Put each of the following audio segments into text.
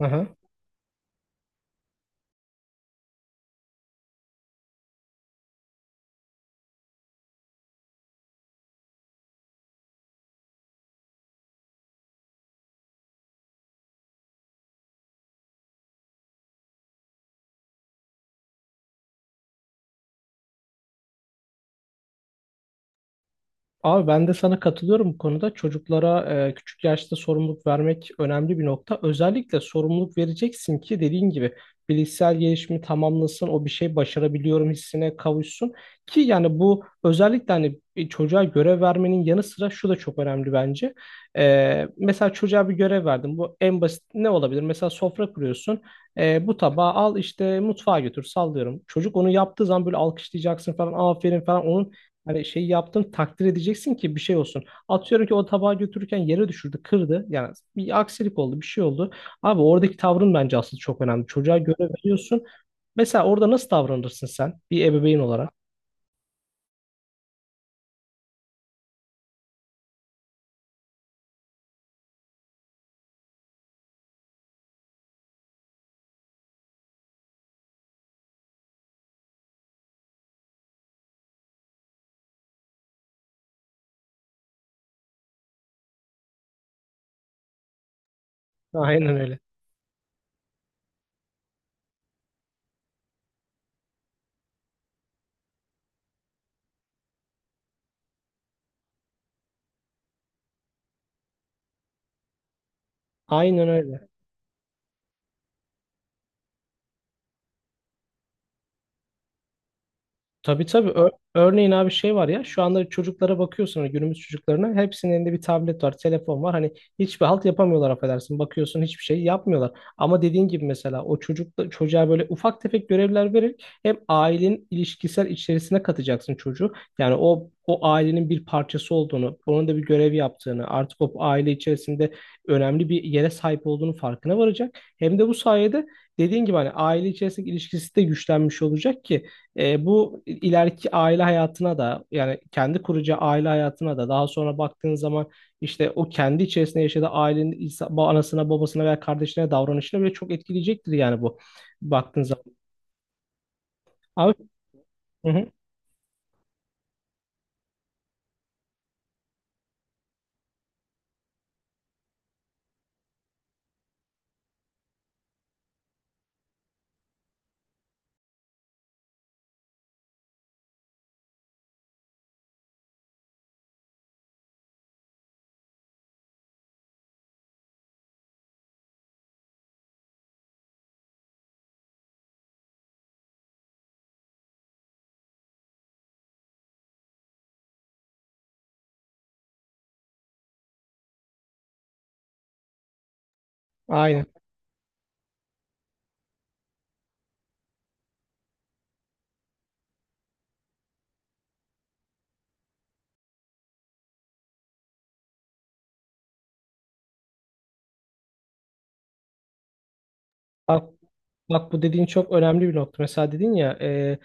Aha. Abi ben de sana katılıyorum bu konuda. Çocuklara küçük yaşta sorumluluk vermek önemli bir nokta. Özellikle sorumluluk vereceksin ki dediğin gibi bilişsel gelişimi tamamlasın, o bir şey başarabiliyorum hissine kavuşsun. Ki yani bu özellikle hani bir çocuğa görev vermenin yanı sıra şu da çok önemli bence. Mesela çocuğa bir görev verdim. Bu en basit ne olabilir? Mesela sofra kuruyorsun. Bu tabağı al işte mutfağa götür sallıyorum. Çocuk onu yaptığı zaman böyle alkışlayacaksın falan, aferin falan. Hani şey yaptın, takdir edeceksin ki bir şey olsun. Atıyorum ki o tabağı götürürken yere düşürdü, kırdı. Yani bir aksilik oldu, bir şey oldu. Abi oradaki tavrın bence aslında çok önemli. Çocuğa göre veriyorsun. Mesela orada nasıl davranırsın sen bir ebeveyn olarak? Aynen öyle. Aynen öyle. Tabii tabii. Örneğin abi şey var ya, şu anda çocuklara bakıyorsun, hani günümüz çocuklarına, hepsinin elinde bir tablet var, telefon var. Hani hiçbir halt yapamıyorlar affedersin. Bakıyorsun hiçbir şey yapmıyorlar. Ama dediğin gibi mesela o çocukla çocuğa böyle ufak tefek görevler vererek hem ailenin ilişkisel içerisine katacaksın çocuğu. Yani o ailenin bir parçası olduğunu, onun da bir görev yaptığını, artık o aile içerisinde önemli bir yere sahip olduğunu farkına varacak. Hem de bu sayede dediğin gibi hani aile içerisindeki ilişkisi de güçlenmiş olacak ki bu ileriki aile hayatına da, yani kendi kuracağı aile hayatına da daha sonra baktığın zaman işte o kendi içerisinde yaşadığı ailenin anasına babasına veya kardeşine davranışına bile çok etkileyecektir yani bu baktığın zaman. Abi, hı hı, aynen. Bak bu dediğin çok önemli bir nokta. Mesela dedin ya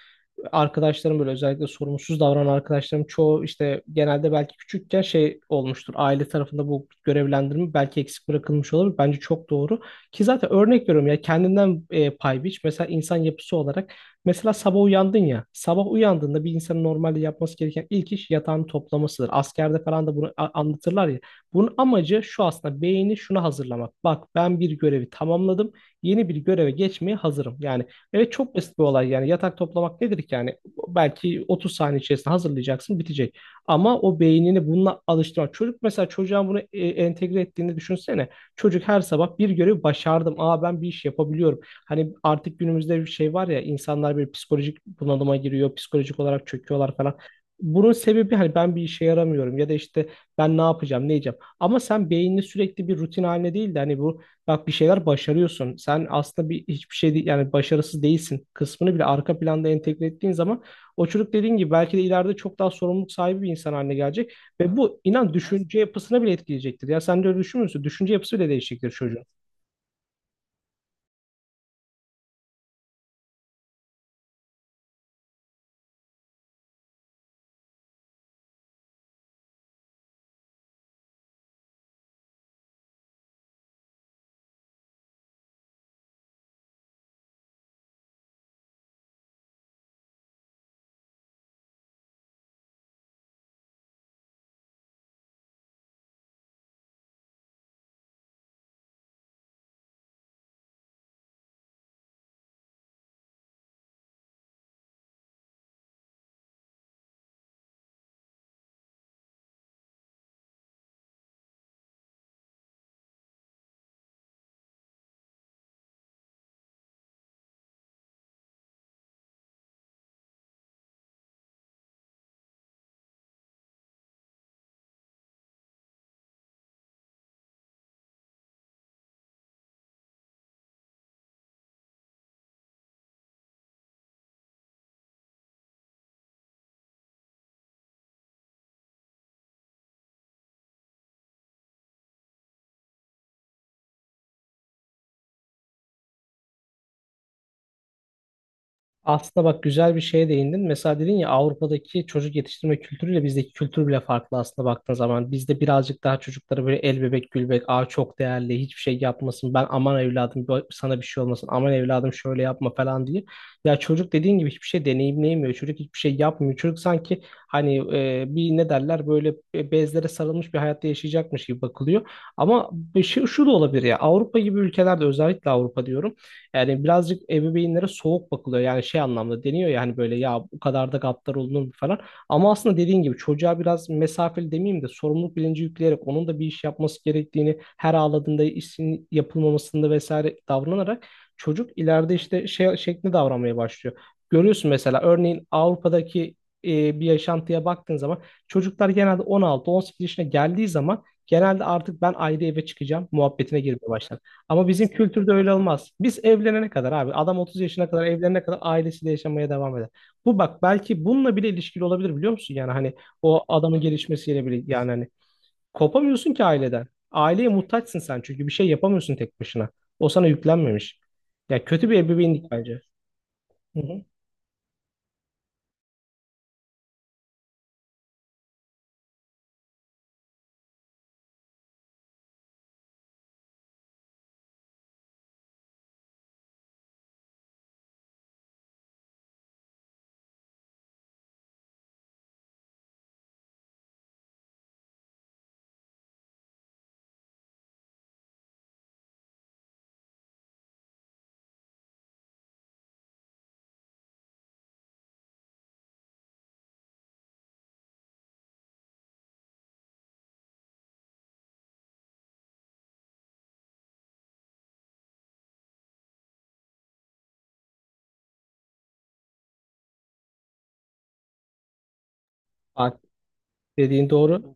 arkadaşlarım böyle özellikle sorumsuz davranan arkadaşlarım çoğu işte genelde belki küçükken şey olmuştur. Aile tarafında bu görevlendirme belki eksik bırakılmış olabilir. Bence çok doğru. Ki zaten örnek veriyorum ya, kendinden pay biç. Mesela insan yapısı olarak, mesela sabah uyandın ya. Sabah uyandığında bir insanın normalde yapması gereken ilk iş yatağını toplamasıdır. Askerde falan da bunu anlatırlar ya. Bunun amacı şu aslında, beyni şuna hazırlamak. Bak, ben bir görevi tamamladım, yeni bir göreve geçmeye hazırım. Yani evet, çok basit bir olay yani, yatak toplamak nedir ki yani, belki 30 saniye içerisinde hazırlayacaksın, bitecek. Ama o beynini bununla alıştırmak. Çocuk, mesela çocuğa bunu entegre ettiğini düşünsene. Çocuk her sabah bir görevi başardım. Aa, ben bir iş yapabiliyorum. Hani artık günümüzde bir şey var ya, insanlar bir psikolojik bunalıma giriyor. Psikolojik olarak çöküyorlar falan. Bunun sebebi hani, ben bir işe yaramıyorum ya da işte ben ne yapacağım, ne yiyeceğim. Ama sen beynini sürekli bir rutin haline değil de hani bu, bak bir şeyler başarıyorsun, sen aslında bir hiçbir şey değil yani, başarısız değilsin kısmını bile arka planda entegre ettiğin zaman o çocuk dediğin gibi belki de ileride çok daha sorumluluk sahibi bir insan haline gelecek ve bu inan düşünce yapısını bile etkileyecektir. Ya sen de öyle düşünmüyorsun. Düşünce yapısı bile değişecektir çocuğun. Aslında bak, güzel bir şeye değindin. Mesela dedin ya, Avrupa'daki çocuk yetiştirme kültürüyle bizdeki kültür bile farklı aslında baktığın zaman. Bizde birazcık daha çocuklara böyle el bebek gül bebek, aa çok değerli, hiçbir şey yapmasın, ben aman evladım sana bir şey olmasın, aman evladım şöyle yapma falan diye. Ya çocuk dediğin gibi hiçbir şey deneyimleyemiyor. Çocuk hiçbir şey yapmıyor. Çocuk sanki hani bir ne derler böyle, bezlere sarılmış bir hayatta yaşayacakmış gibi bakılıyor. Ama bir şey şu da olabilir ya, Avrupa gibi ülkelerde, özellikle Avrupa diyorum. Yani birazcık ebeveynlere soğuk bakılıyor. Yani şey anlamda deniyor ya, hani böyle, ya bu kadar da gaddar olunur mu falan. Ama aslında dediğin gibi çocuğa biraz mesafeli demeyeyim de sorumluluk bilinci yükleyerek, onun da bir iş yapması gerektiğini, her ağladığında işin yapılmamasında vesaire davranarak çocuk ileride işte şey şeklinde davranmaya başlıyor. Görüyorsun mesela, örneğin Avrupa'daki bir yaşantıya baktığın zaman çocuklar genelde 16-18 yaşına geldiği zaman genelde artık ben ayrı eve çıkacağım muhabbetine girmeye başlar. Ama bizim kültürde öyle olmaz. Biz evlenene kadar abi, adam 30 yaşına kadar, evlenene kadar ailesiyle yaşamaya devam eder. Bu bak, belki bununla bile ilişkili olabilir biliyor musun? Yani hani o adamın gelişmesiyle bile, yani hani kopamıyorsun ki aileden. Aileye muhtaçsın sen, çünkü bir şey yapamıyorsun tek başına. O sana yüklenmemiş. Ya, kötü bir ebeveynlik bence. Hı hı. Bak, dediğin doğru.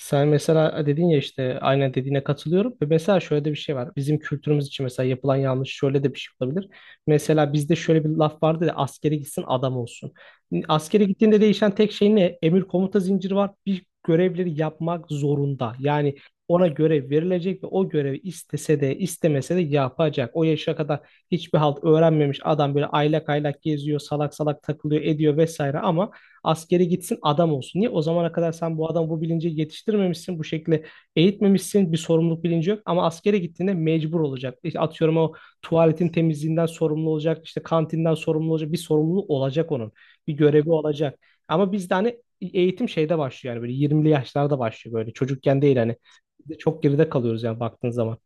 Sen mesela dedin ya işte, aynen dediğine katılıyorum. Ve mesela şöyle de bir şey var. Bizim kültürümüz için mesela yapılan yanlış şöyle de bir şey olabilir. Mesela bizde şöyle bir laf vardı ya, askere gitsin adam olsun. Askere gittiğinde değişen tek şey ne? Emir komuta zinciri var. Bir görevleri yapmak zorunda. Yani ona görev verilecek ve o görevi istese de istemese de yapacak. O yaşa kadar hiçbir halt öğrenmemiş adam böyle aylak aylak geziyor, salak salak takılıyor, ediyor vesaire ama askere gitsin adam olsun. Niye? O zamana kadar sen bu adamı bu bilince yetiştirmemişsin. Bu şekilde eğitmemişsin. Bir sorumluluk bilinci yok. Ama askere gittiğinde mecbur olacak. İşte atıyorum, o tuvaletin temizliğinden sorumlu olacak, işte kantinden sorumlu olacak. Bir sorumluluğu olacak onun. Bir görevi olacak. Ama bizde hani eğitim şeyde başlıyor, yani böyle 20'li yaşlarda başlıyor, böyle çocukken değil hani. Çok geride kalıyoruz yani baktığın zaman.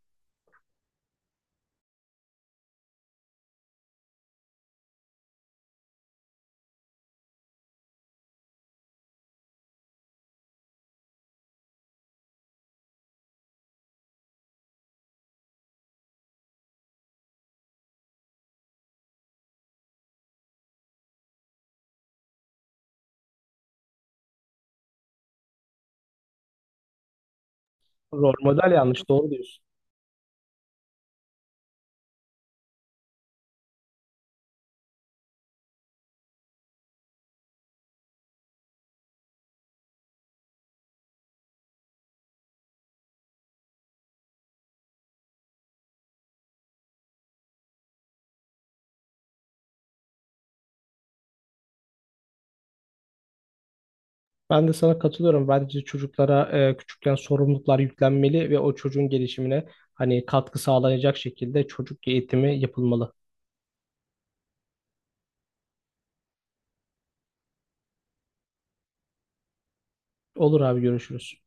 Rol model yanlış, doğru diyorsun. Ben de sana katılıyorum. Bence çocuklara küçükken sorumluluklar yüklenmeli ve o çocuğun gelişimine hani katkı sağlayacak şekilde çocuk eğitimi yapılmalı. Olur abi, görüşürüz.